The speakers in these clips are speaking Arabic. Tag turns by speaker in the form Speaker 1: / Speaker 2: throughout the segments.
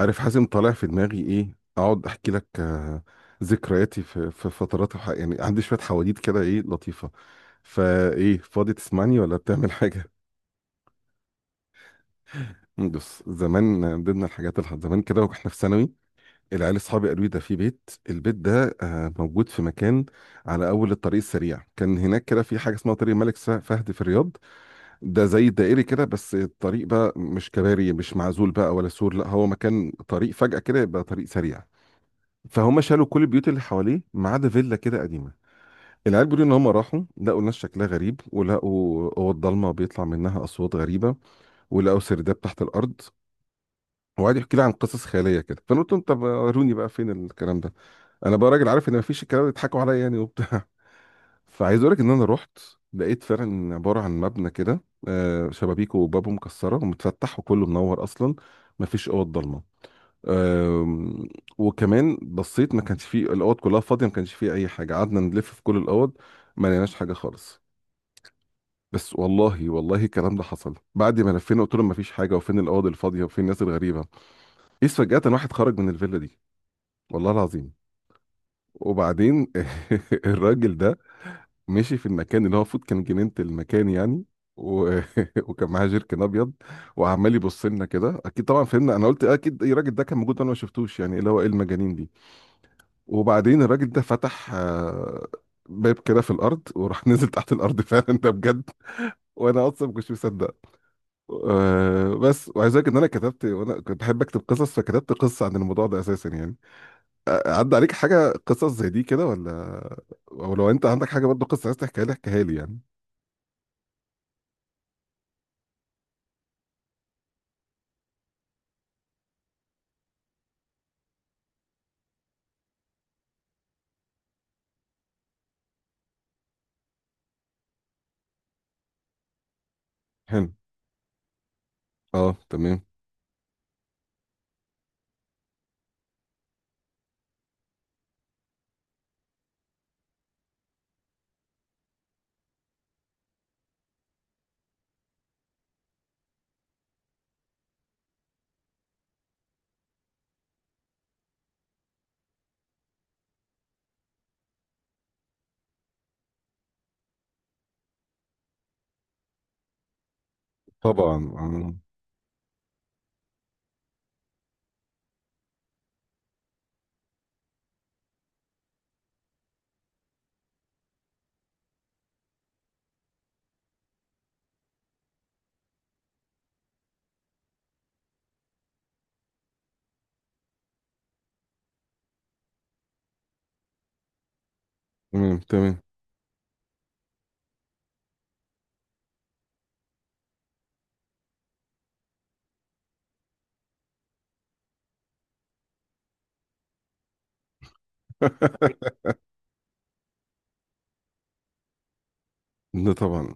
Speaker 1: عارف حازم، طالع في دماغي ايه اقعد احكي لك. ذكرياتي في فترات الح... يعني عندي شويه حواديت كده ايه لطيفه. فايه فاضي تسمعني ولا بتعمل حاجه؟ بص زمان. من ضمن الحاجات اللي حصلت زمان كده واحنا في ثانوي، العيال اصحابي قالوا لي ده في البيت ده موجود في مكان على اول الطريق السريع. كان هناك كده في حاجه اسمها طريق الملك فهد في الرياض. ده زي الدائري كده، بس الطريق بقى مش كباري، مش معزول بقى ولا سور، لا هو مكان طريق فجاه كده يبقى طريق سريع. فهم شالوا كل البيوت اللي حواليه ما عدا فيلا كده قديمه. العيال بيقولوا ان هم راحوا لقوا ناس شكلها غريب، ولقوا اوض ضلمه بيطلع منها اصوات غريبه، ولقوا سرداب تحت الارض، وقعد يحكي لي عن قصص خياليه كده. فانا قلت لهم طب وروني بقى فين الكلام ده. انا بقى راجل عارف ان مفيش الكلام ده، يضحكوا عليا يعني وبتاع. فعايز اقول لك ان انا رحت، لقيت فعلا عباره عن مبنى كده. شبابيكه وبابه مكسره ومتفتح وكله منور اصلا، مفيش اوض ضلمه. أم، وكمان بصيت ما كانش فيه، الاوض كلها فاضيه ما كانش فيه اي حاجه. قعدنا نلف في كل الاوض، ما لقيناش حاجه خالص. بس والله والله الكلام ده حصل. بعد ما لفينا قلت لهم ما فيش حاجه، وفين الاوض الفاضيه، وفين الناس الغريبه، ايه فجاه واحد خرج من الفيلا دي. والله العظيم. وبعدين الراجل ده مشي في المكان اللي هو المفروض كان جنينه المكان يعني. و... وكان معاه جيركن ابيض وعمال يبص لنا كده. اكيد طبعا فهمنا. انا قلت اكيد الراجل ده كان موجود انا ما شفتوش يعني، اللي هو ايه المجانين دي. وبعدين الراجل ده فتح باب كده في الارض، وراح نزل تحت الارض فعلا، ده بجد. وانا اصلا ما كنتش مصدق. بس وعايز اقول لك ان انا كتبت، وانا كنت بحب اكتب قصص، فكتبت قصه عن الموضوع ده اساسا يعني. عدى عليك حاجه قصص زي دي كده ولا؟ ولو انت عندك حاجه برضه قصه عايز تحكيها لي احكيها لي يعني. حلو، اه تمام. طبعا تمام تمام. ده طبعا.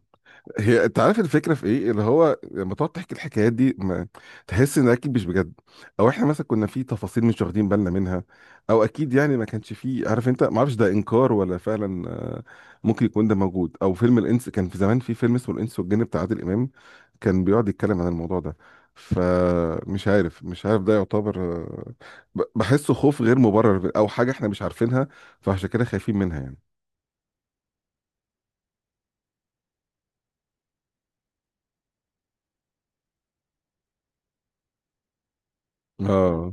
Speaker 1: هي انت عارف الفكره في ايه، اللي هو لما تقعد تحكي الحكايات دي ما تحس ان اكيد مش بجد، او احنا مثلا كنا في تفاصيل مش واخدين بالنا منها، او اكيد يعني ما كانش فيه. عارف انت، ما اعرفش ده انكار ولا فعلا ممكن يكون ده موجود، او فيلم الانس، كان في زمان في فيلم اسمه الانس والجن بتاع عادل امام، كان بيقعد يتكلم عن الموضوع ده. فمش عارف، مش عارف ده يعتبر بحسه خوف غير مبرر او حاجه احنا مش عارفينها فعشان كده خايفين منها يعني. اه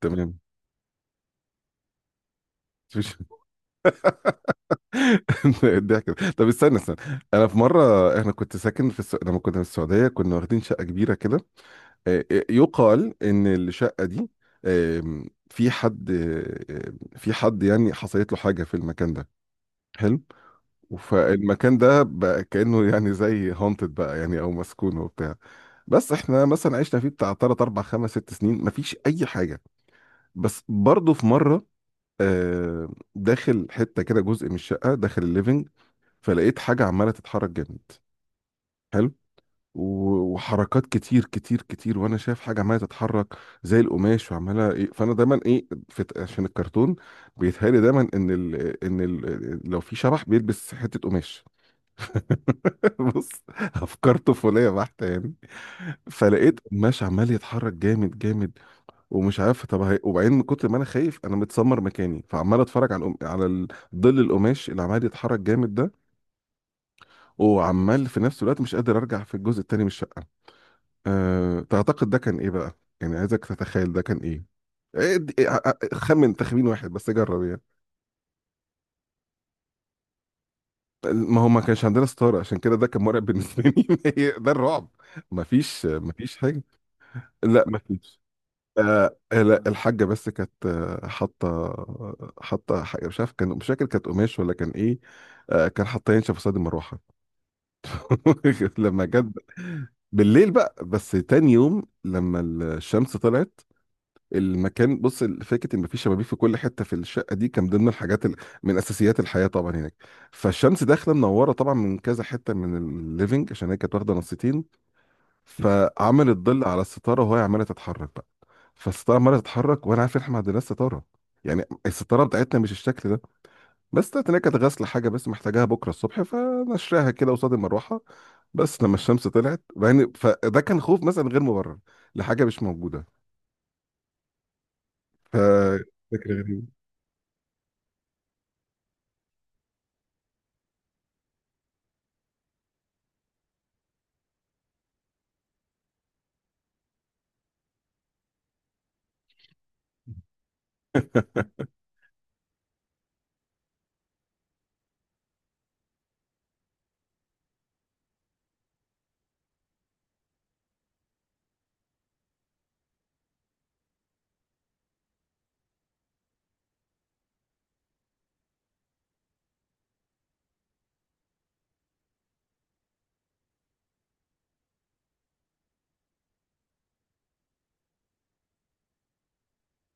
Speaker 1: تمام. الضحك ده. طب استنى استنى، انا في مره، احنا كنت ساكن في لما كنا في السعوديه كنا واخدين شقه كبيره كده. يقال ان الشقه دي في حد، في حد يعني، حصلت له حاجه في المكان ده. حلو. فالمكان ده بقى كانه يعني زي هونتد بقى يعني، او مسكون وبتاع. بس احنا مثلا عشنا فيه بتاع 3 4 5 6 سنين مفيش اي حاجه. بس برضه في مره، آه، داخل حته كده جزء من الشقه داخل الليفنج، فلقيت حاجة عمالة تتحرك جامد. حلو. وحركات كتير كتير كتير، وانا شايف حاجة عمالة تتحرك زي القماش وعمالة ايه. فانا دايما ايه في عشان الكرتون، بيتهيألي دايما ان لو في شبح بيلبس حتة قماش. بص، افكار طفولية بحتة يعني. فلقيت قماش عمال يتحرك جامد جامد. ومش عارف طب وبعدين من كتر ما انا خايف، انا متسمر مكاني، فعمال اتفرج على ظل القماش اللي عمال يتحرك جامد ده، وعمال في نفس الوقت مش قادر ارجع في الجزء التاني من الشقه. أه تعتقد ده كان ايه بقى يعني؟ عايزك تتخيل ده كان ايه. إيه د- إيه، ع- ع- خمن تخمين واحد بس جرب يعني. ما هو ما كانش عندنا ستاره عشان كده ده كان مرعب بالنسبه لي. هي ده الرعب، ما فيش ما فيش حاجه. لا ما فيش. آه لا، الحاجه بس كانت حاطه حاجه، مش عارف كان، مش فاكر كانت قماش ولا كان ايه. آه كان حاطاه ينشف قصاد المروحه. لما جت بالليل بقى. بس تاني يوم لما الشمس طلعت، المكان، بص فكره ان مفيش شبابيك في كل حته في الشقه دي كان ضمن من اساسيات الحياه طبعا هناك. فالشمس داخله منوره طبعا من كذا حته من الليفنج، عشان هي كانت واخده نصيتين، فعملت ظل على الستاره وهي عماله تتحرك بقى. فالستاره عماله تتحرك، وانا عارف إن احنا ما عندناش ستاره، يعني الستاره بتاعتنا مش الشكل ده. بس طلعت إن هي كانت غسل حاجه بس محتاجاها بكره الصبح، فنشرها كده قصاد المروحه، بس لما الشمس طلعت يعني. فده كان خوف مثلا غير مبرر لحاجه مش موجوده. ف فكره غريبه.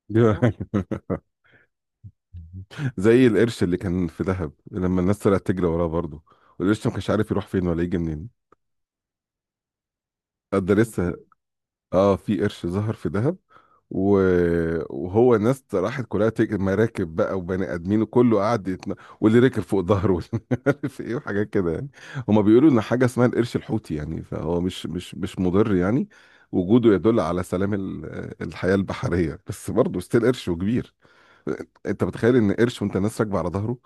Speaker 1: دي- زي القرش اللي كان في دهب لما الناس طلعت تجري وراه برضه، والقرش ما كانش عارف يروح فين ولا يجي منين. قد لسه. اه، في قرش ظهر في دهب، و... وهو ناس راحت كلها مراكب بقى وبني ادمين، وكله قعد واللي ركب فوق ظهره واللي عارف ايه، وحاجات كده يعني. هما بيقولوا ان حاجه اسمها القرش الحوتي يعني، فهو مش مضر يعني. وجوده يدل على سلام الحياه البحريه، بس برضه ستيل قرش وكبير. انت متخيل ان قرش وانت ناس راكبه على ظهره؟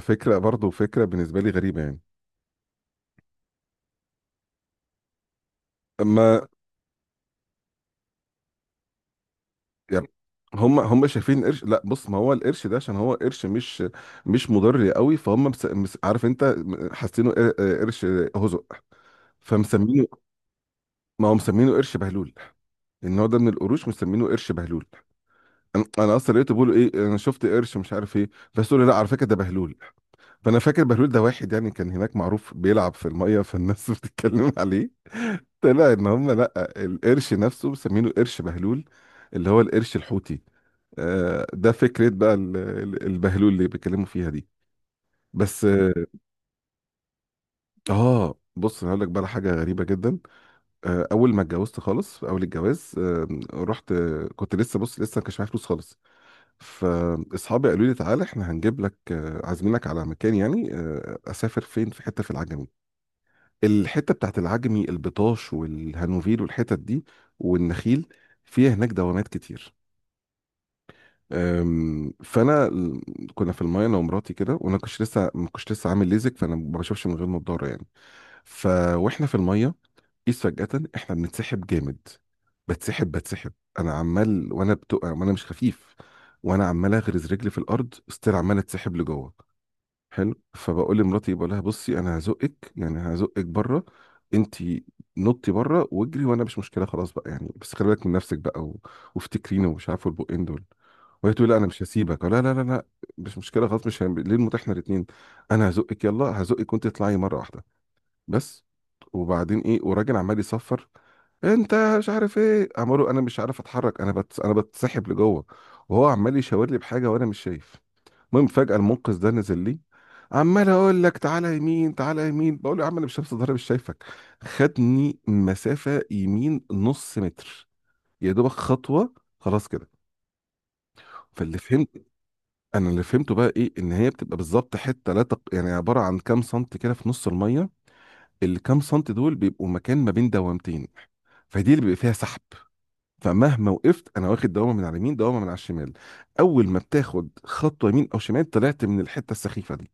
Speaker 1: فكره برضه فكره بالنسبه لي غريبه يعني. ما يعني هم شايفين القرش. لا بص، ما هو القرش ده عشان هو قرش مش مضر قوي. فهم عارف انت، حاسينه قرش هزق، فمسمينه. ما هو مسمينه قرش بهلول، النوع ده من القروش مسمينه قرش بهلول. انا اصلا لقيته بيقولوا ايه، انا شفت قرش مش عارف ايه، بس قالوا لا على فكره ده بهلول. فانا فاكر بهلول ده واحد يعني كان هناك معروف بيلعب في الميه فالناس بتتكلم عليه. طلع ان هم لا، القرش نفسه مسمينه قرش بهلول، اللي هو القرش الحوتي. ده فكرة بقى البهلول اللي بيتكلموا فيها دي. بس اه. بص انا هقول لك بقى على حاجة غريبة جدا. اول ما اتجوزت خالص في اول الجواز، رحت كنت لسه، بص لسه ما كانش معايا فلوس خالص. فاصحابي قالوا لي تعالى احنا هنجيب لك، عازمينك على مكان يعني. اسافر فين، في حتة في العجمي، الحتة بتاعت العجمي، البطاش والهانوفيل والحتت دي والنخيل، فيها هناك دوامات كتير. فانا كنا في المايه، انا ومراتي كده، وانا كنتش لسه ما كنتش لسه عامل ليزك، فانا ما بشوفش من غير نضاره يعني. ف واحنا في المايه، قيس فجاه احنا بنتسحب جامد، بتسحب بتسحب. انا عمال وانا وانا مش خفيف، وانا عمال اغرز رجلي في الارض ستيل عمال اتسحب لجوه. حلو. فبقول لمراتي، بقول لها بصي انا هزقك يعني هزقك بره، انت نطي بره واجري وانا مش مشكله، خلاص بقى يعني، بس خلي بالك من نفسك بقى وافتكريني ومش عارف البقين دول. وهي تقول لي لا انا مش هسيبك، لا لا لا لا، مش مشكله خلاص، مش هم... ليه المتاح احنا الاثنين، انا هزقك يلا هزقك وانت تطلعي مره واحده بس. وبعدين ايه، وراجل عمال يصفر، انت مش عارف ايه عماله، انا مش عارف اتحرك، انا انا بتسحب لجوه، وهو عمال يشاور لي بحاجه وانا مش شايف. المهم فجاه المنقذ ده نزل لي، عمال اقول لك تعالى يمين تعالى يمين. بقول له يا عم انا مش شايف ضهري مش شايفك، خدني مسافه يمين نص متر، يا دوبك خطوه، خلاص كده. فاللي فهمت، انا اللي فهمته بقى ايه، ان هي بتبقى بالظبط حته، لا تق... يعني عباره عن كام سنت كده في نص الميه، اللي كام سنت دول بيبقوا مكان ما بين دوامتين، فدي اللي بيبقى فيها سحب. فمهما وقفت انا، واخد دوامه من على اليمين دوامه من على الشمال، اول ما بتاخد خطوه يمين او شمال طلعت من الحته السخيفه دي.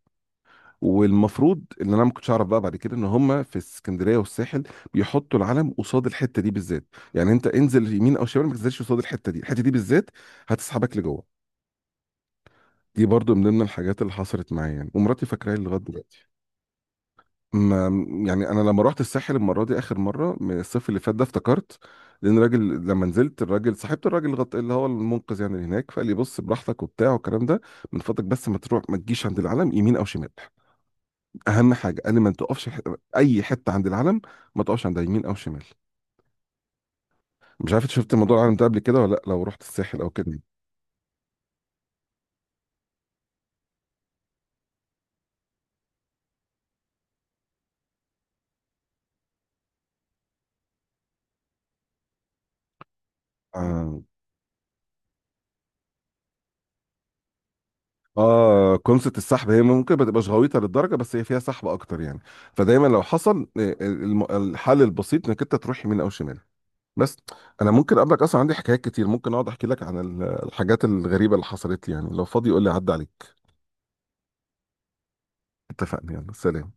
Speaker 1: والمفروض ان انا ما كنتش اعرف بقى، بعد كده ان هم في اسكندريه والساحل بيحطوا العلم قصاد الحته دي بالذات. يعني انت انزل يمين او شمال، ما تنزلش قصاد الحته دي، الحته دي بالذات هتسحبك لجوه. دي برضو من ضمن الحاجات اللي حصلت معايا يعني، ومراتي فاكراها لغايه دلوقتي. ما يعني انا لما رحت الساحل المره دي اخر مره من الصيف اللي فات ده افتكرت، لان الراجل لما نزلت، الراجل صاحبة الراجل اللي هو المنقذ يعني اللي هناك، فقال لي بص براحتك وبتاع والكلام ده، من فضلك بس ما تروح ما تجيش عند العلم يمين او شمال. اهم حاجه قال لي ما تقفش اي حته عند العلم، ما تقفش عند يمين او شمال. مش عارف إنت شفت موضوع العلم ده قبل كده ولا لا، لو رحت الساحل او كده. آه. اه، كونسة السحب هي ممكن ما تبقاش غويطه للدرجه بس هي فيها سحب اكتر يعني. فدايما لو حصل، الحل البسيط انك انت تروح يمين او شمال بس. انا ممكن اقابلك، اصلا عندي حكايات كتير، ممكن اقعد احكي لك عن الحاجات الغريبه اللي حصلت لي يعني، لو فاضي قول لي عدى عليك. اتفقنا، يلا سلام.